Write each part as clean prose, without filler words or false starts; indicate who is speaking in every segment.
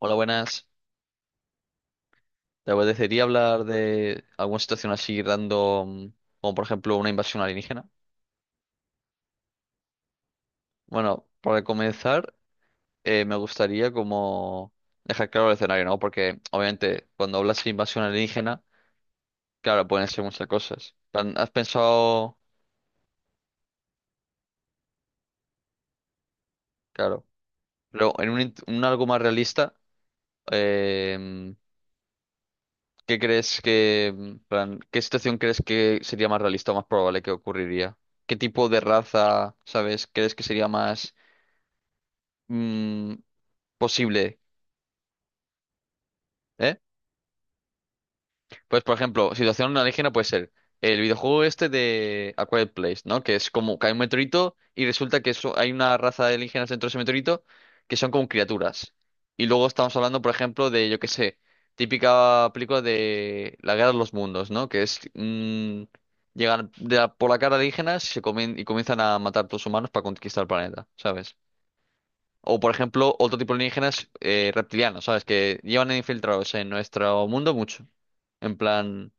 Speaker 1: Hola, buenas. Te apetecería hablar de alguna situación así random, como por ejemplo una invasión alienígena. Bueno, para comenzar, me gustaría como dejar claro el escenario, ¿no? Porque obviamente cuando hablas de invasión alienígena, claro, pueden ser muchas cosas. Plan, ¿Has pensado? Claro, pero en un algo más realista. eh, ¿Qué crees que, plan, qué situación crees que sería más realista o más probable que ocurriría? ¿Qué tipo de raza, sabes, crees que sería más mm, posible, eh? Pues, por ejemplo, situación alienígena puede ser el videojuego este de A Quiet Place, ¿no? Que es como cae un meteorito y resulta que hay una raza de alienígenas dentro de ese meteorito que son como criaturas. Y luego estamos hablando, por ejemplo, de, yo qué sé, típica película de La Guerra de los Mundos, ¿no? Que es... llegan por la cara alienígenas y se comen y comienzan a matar a los humanos para conquistar el planeta, ¿sabes? O, por ejemplo, otro tipo de alienígenas reptilianos, ¿sabes? Que llevan infiltrados en nuestro mundo mucho. En plan,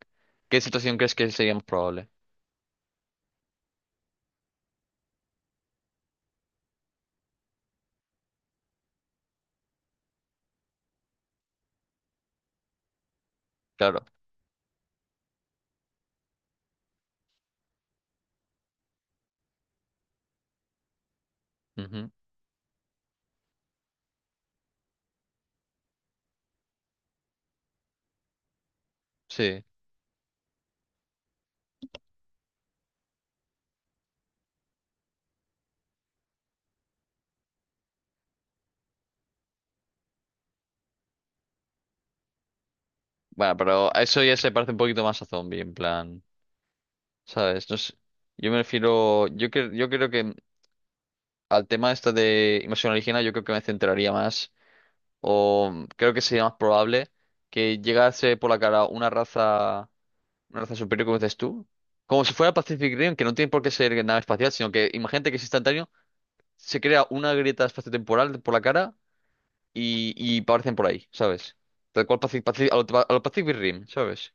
Speaker 1: ¿qué situación crees que sería más probable? Claro. Ujú. Sí. Bueno, pero a eso ya se parece un poquito más a zombie, en plan, ¿sabes? No sé. Yo me refiero, yo, yo creo que al tema este de invasión alienígena, yo creo que me centraría más, o creo que sería más probable que llegase por la cara una raza. Una raza superior, como dices tú. Como si fuera Pacific Rim, que no tiene por qué ser nada espacial, sino que imagínate que es instantáneo, se crea una grieta espaciotemporal por la cara y aparecen por ahí, ¿sabes? Tal cual Pacific, a lo Pacific Rim, ¿sabes?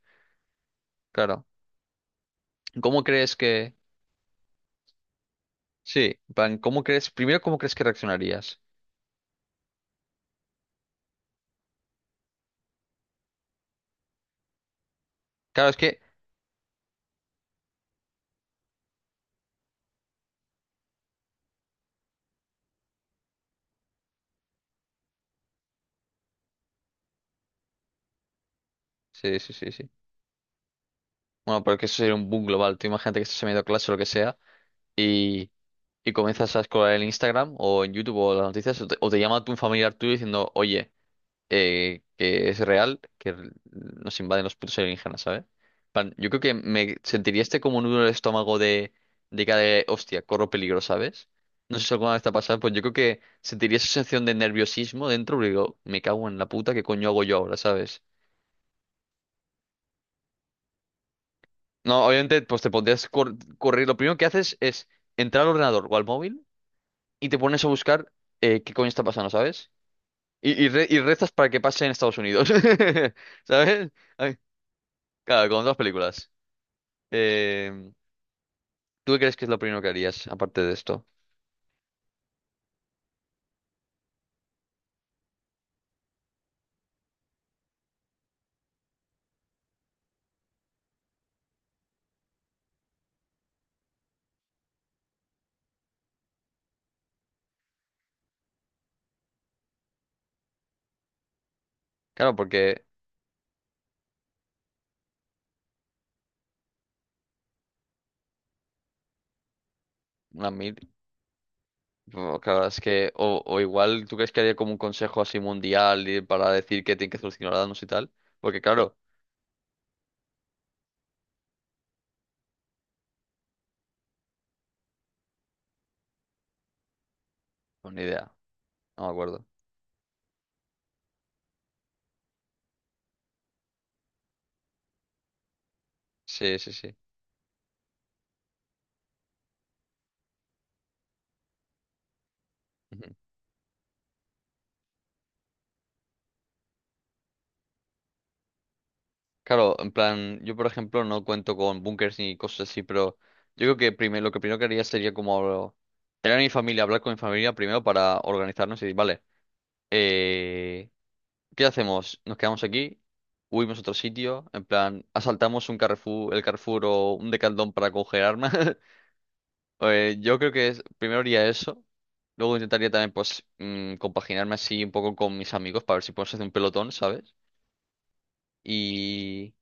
Speaker 1: Claro. ¿Cómo crees que...? Sí, en plan, ¿cómo crees? Primero, ¿cómo crees que reaccionarías? Claro, es que... Sí, sí, sí, sí. Bueno, pero que eso sería un boom global. Tú imagínate que estás en medio de clase o lo que sea y... Y comienzas a escolar en Instagram o en YouTube o las noticias o te llama tu familiar tuyo diciendo, oye... que es real nos invaden los putos alienígenas, ¿sabes? Plan, yo creo que me sentiría este como nudo en el estómago de cara de, hostia, corro peligro, ¿sabes? No sé si alguna vez te ha pasado, pues yo creo que sentiría esa sensación de nerviosismo dentro, porque digo, me cago en la puta, ¿qué coño hago yo ahora?, ¿sabes? No, obviamente, pues te pondrías correr. Lo primero que haces es entrar al ordenador o al móvil y te pones a buscar qué coño está pasando, ¿sabes? Y rezas para que pase en Estados Unidos, ¿sabes? Ay, claro, con dos películas. Eh, ¿Tú qué crees que es lo primero que harías aparte de esto? Claro, porque a mí, bueno, claro, es que, o igual, ¿tú crees que haría como un consejo así mundial y para decir que tienen que solucionar danos y tal? Porque claro, pues ni idea, no me acuerdo. Sí, sí, sí. Ujú. Claro, en plan, yo por ejemplo no cuento con bunkers ni cosas así, pero yo creo que primero, lo que primero que haría sería como tener a mi familia, hablar con mi familia primero para organizarnos y decir, vale. eh, ¿Qué hacemos? ¿Nos quedamos aquí? ¿Huimos a otro sitio? En plan, asaltamos un Carrefour, el Carrefour o un Decathlon para congelarnos. Yo creo que primero haría eso. Luego intentaría también, pues, compaginarme así un poco con mis amigos para ver si podemos hacer un pelotón, ¿sabes? Y,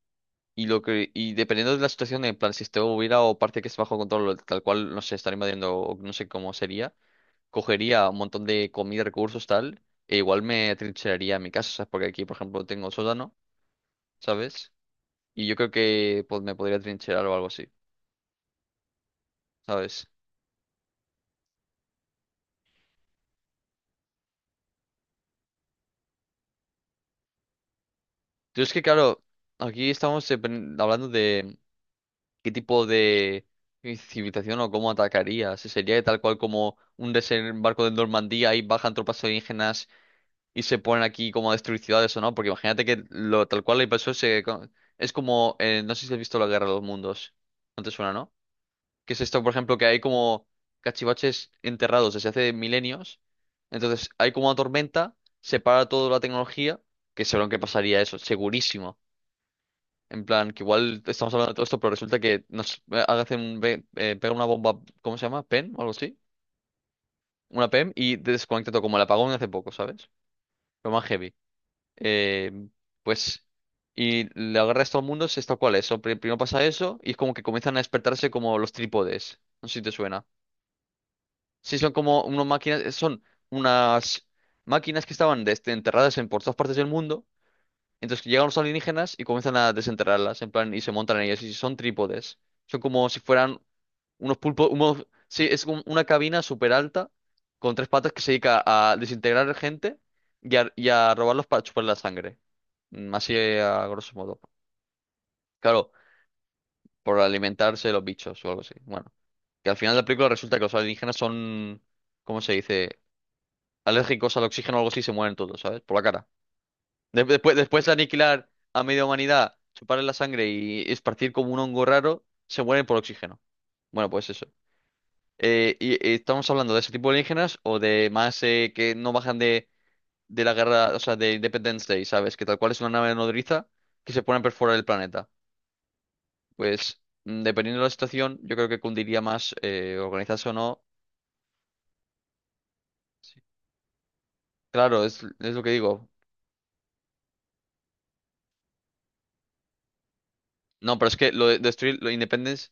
Speaker 1: y dependiendo de la situación, en plan, si esto hubiera o parte que es bajo control, tal cual, no sé, estar invadiendo, o no sé cómo sería, cogería un montón de comida, recursos, tal, e igual me trincheraría en mi casa, ¿sabes? Porque aquí, por ejemplo, tengo sótano, ¿sabes? Y yo creo que pues, me podría trincherar o algo así, ¿sabes? Pero es que, claro, aquí estamos hablando de qué tipo de civilización o cómo atacaría. Si sería tal cual como un desembarco de Normandía y bajan tropas alienígenas y se ponen aquí como a destruir ciudades o no. Porque imagínate que lo, tal cual la invasión es como, no sé si has visto la Guerra de los Mundos. No te suena, ¿no? Que es esto, por ejemplo, que hay como cachivaches enterrados desde hace milenios. Entonces, hay como una tormenta, se para toda la tecnología, que seguro que pasaría eso, segurísimo. En plan, que igual estamos hablando de todo esto, pero resulta que nos pega una bomba, ¿cómo se llama? ¿PEM o algo así? Una PEM y desconecta todo, como el apagón de hace poco, ¿sabes? Lo más heavy. Eh, pues, y la guerra de todo el mundo es tal cual eso. Primero pasa eso y es como que comienzan a despertarse como los trípodes. No sé si te suena. Sí, son como unas máquinas, son unas máquinas que estaban enterradas en por todas partes del mundo. Entonces que llegan los alienígenas y comienzan a desenterrarlas, en plan, y se montan en ellas, y son trípodes. Son como si fueran unos pulpos, unos, sí, es como una cabina súper alta, con tres patas que se dedica a desintegrar gente y a robarlos para chupar la sangre. Así a grosso modo. Claro, por alimentarse de los bichos o algo así. Bueno, que al final de la película resulta que los alienígenas son, ¿cómo se dice? Alérgicos al oxígeno o algo así, se mueren todos, ¿sabes? Por la cara. Después, de aniquilar a media humanidad, chuparle la sangre y esparcir como un hongo raro, se mueren por oxígeno. Bueno, pues eso. Y estamos hablando de ese tipo de alienígenas o de más que no bajan de la guerra, o sea, de Independence Day, ¿sabes? Que tal cual es una nave nodriza que se pone a perforar el planeta. Pues dependiendo de la situación, yo creo que cundiría más organizarse o no. Sí. Claro, es lo que digo. No, pero es que lo de destruir lo Independence.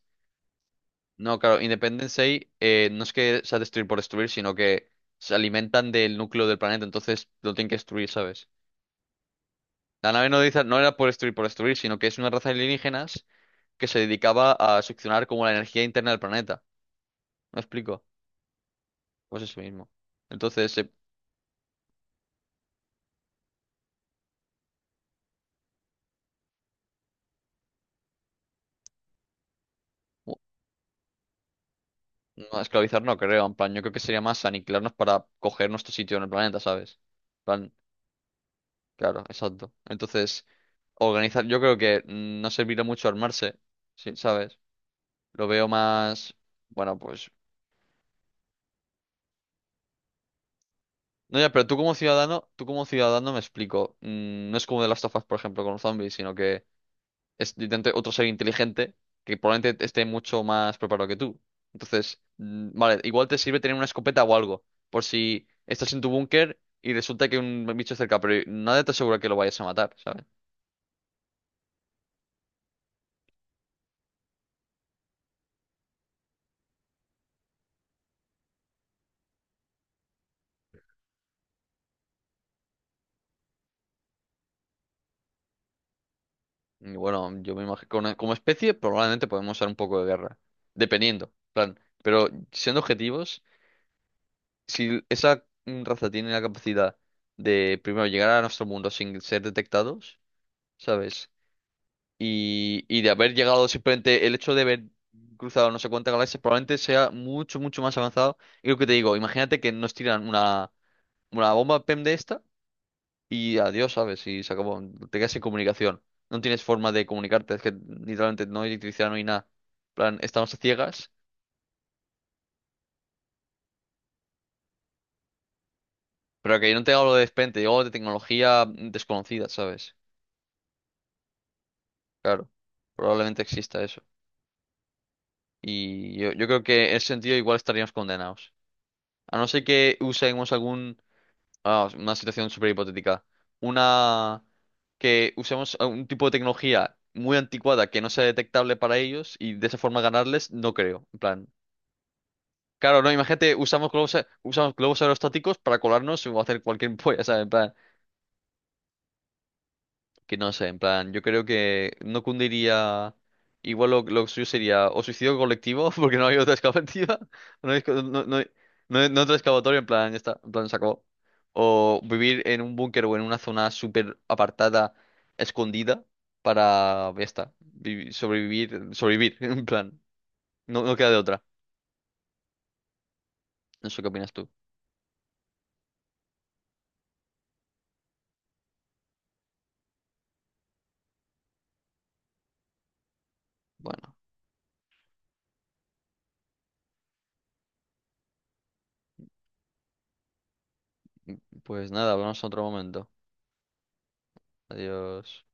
Speaker 1: No, claro, Independence Day no es que sea destruir por destruir, sino que se alimentan del núcleo del planeta, entonces lo tienen que destruir, ¿sabes? La nave no, dice, no era por destruir, sino que es una raza de alienígenas que se dedicaba a succionar como la energía interna del planeta. ¿Me explico? Pues eso mismo. Entonces, u- no, esclavizar no creo, en plan, yo creo que sería más aniquilarnos para coger nuestro sitio en el planeta, ¿sabes? En plan, claro, exacto. Entonces, organizar, yo creo que no servirá mucho armarse, sí, ¿sabes? Lo veo más. Bueno, pues. No, ya, pero tú como ciudadano me explico. No es como de las of Us, por ejemplo, con los zombies, sino que es literalmente otro ser inteligente que probablemente esté mucho más preparado que tú. Entonces, vale, igual te sirve tener una escopeta o algo, por si estás en tu búnker y resulta que hay un bicho cerca, pero nadie te asegura que lo vayas a matar, ¿sabes? Y bueno, yo me imagino, como especie, probablemente podemos usar un poco de guerra, dependiendo, en plan. Pero siendo objetivos. Si esa raza tiene la capacidad de primero llegar a nuestro mundo sin ser detectados, ¿sabes? Y de haber llegado simplemente el hecho de haber cruzado no sé cuántas galaxias probablemente sea mucho, mucho más avanzado. Y lo que te digo, imagínate que nos tiran una bomba PEM de esta y adiós, ¿sabes? Y se acabó, te quedas sin comunicación. No tienes forma de comunicarte, es que literalmente no hay electricidad, no hay nada. En plan, estamos a ciegas, pero que yo no tenga algo de repente, yo de tecnología desconocida, ¿sabes? Claro, probablemente exista eso. Y yo creo que en ese sentido igual estaríamos condenados. A no ser que usemos algún... ah, una situación súper hipotética. Una... que usemos un tipo de tecnología muy anticuada que no sea detectable para ellos y de esa forma ganarles, no creo. En plan... Claro, no, imagínate, usamos globos, usamos globos aerostáticos para colarnos o hacer cualquier polla, ¿sabes? Que no sé, en plan, yo creo que no cundiría. Igual lo suyo sería o suicidio colectivo, porque no hay otra excavativa, no hay, no, no hay otra excavatoria, en plan, ya está, en plan, se acabó. O vivir en un búnker o en una zona súper apartada, escondida, para, ya está, sobrevivir, sobrevivir, en plan, no, no queda de otra. No sé qué opinas tú. Bueno, pues nada, hablamos en otro momento. Adiós.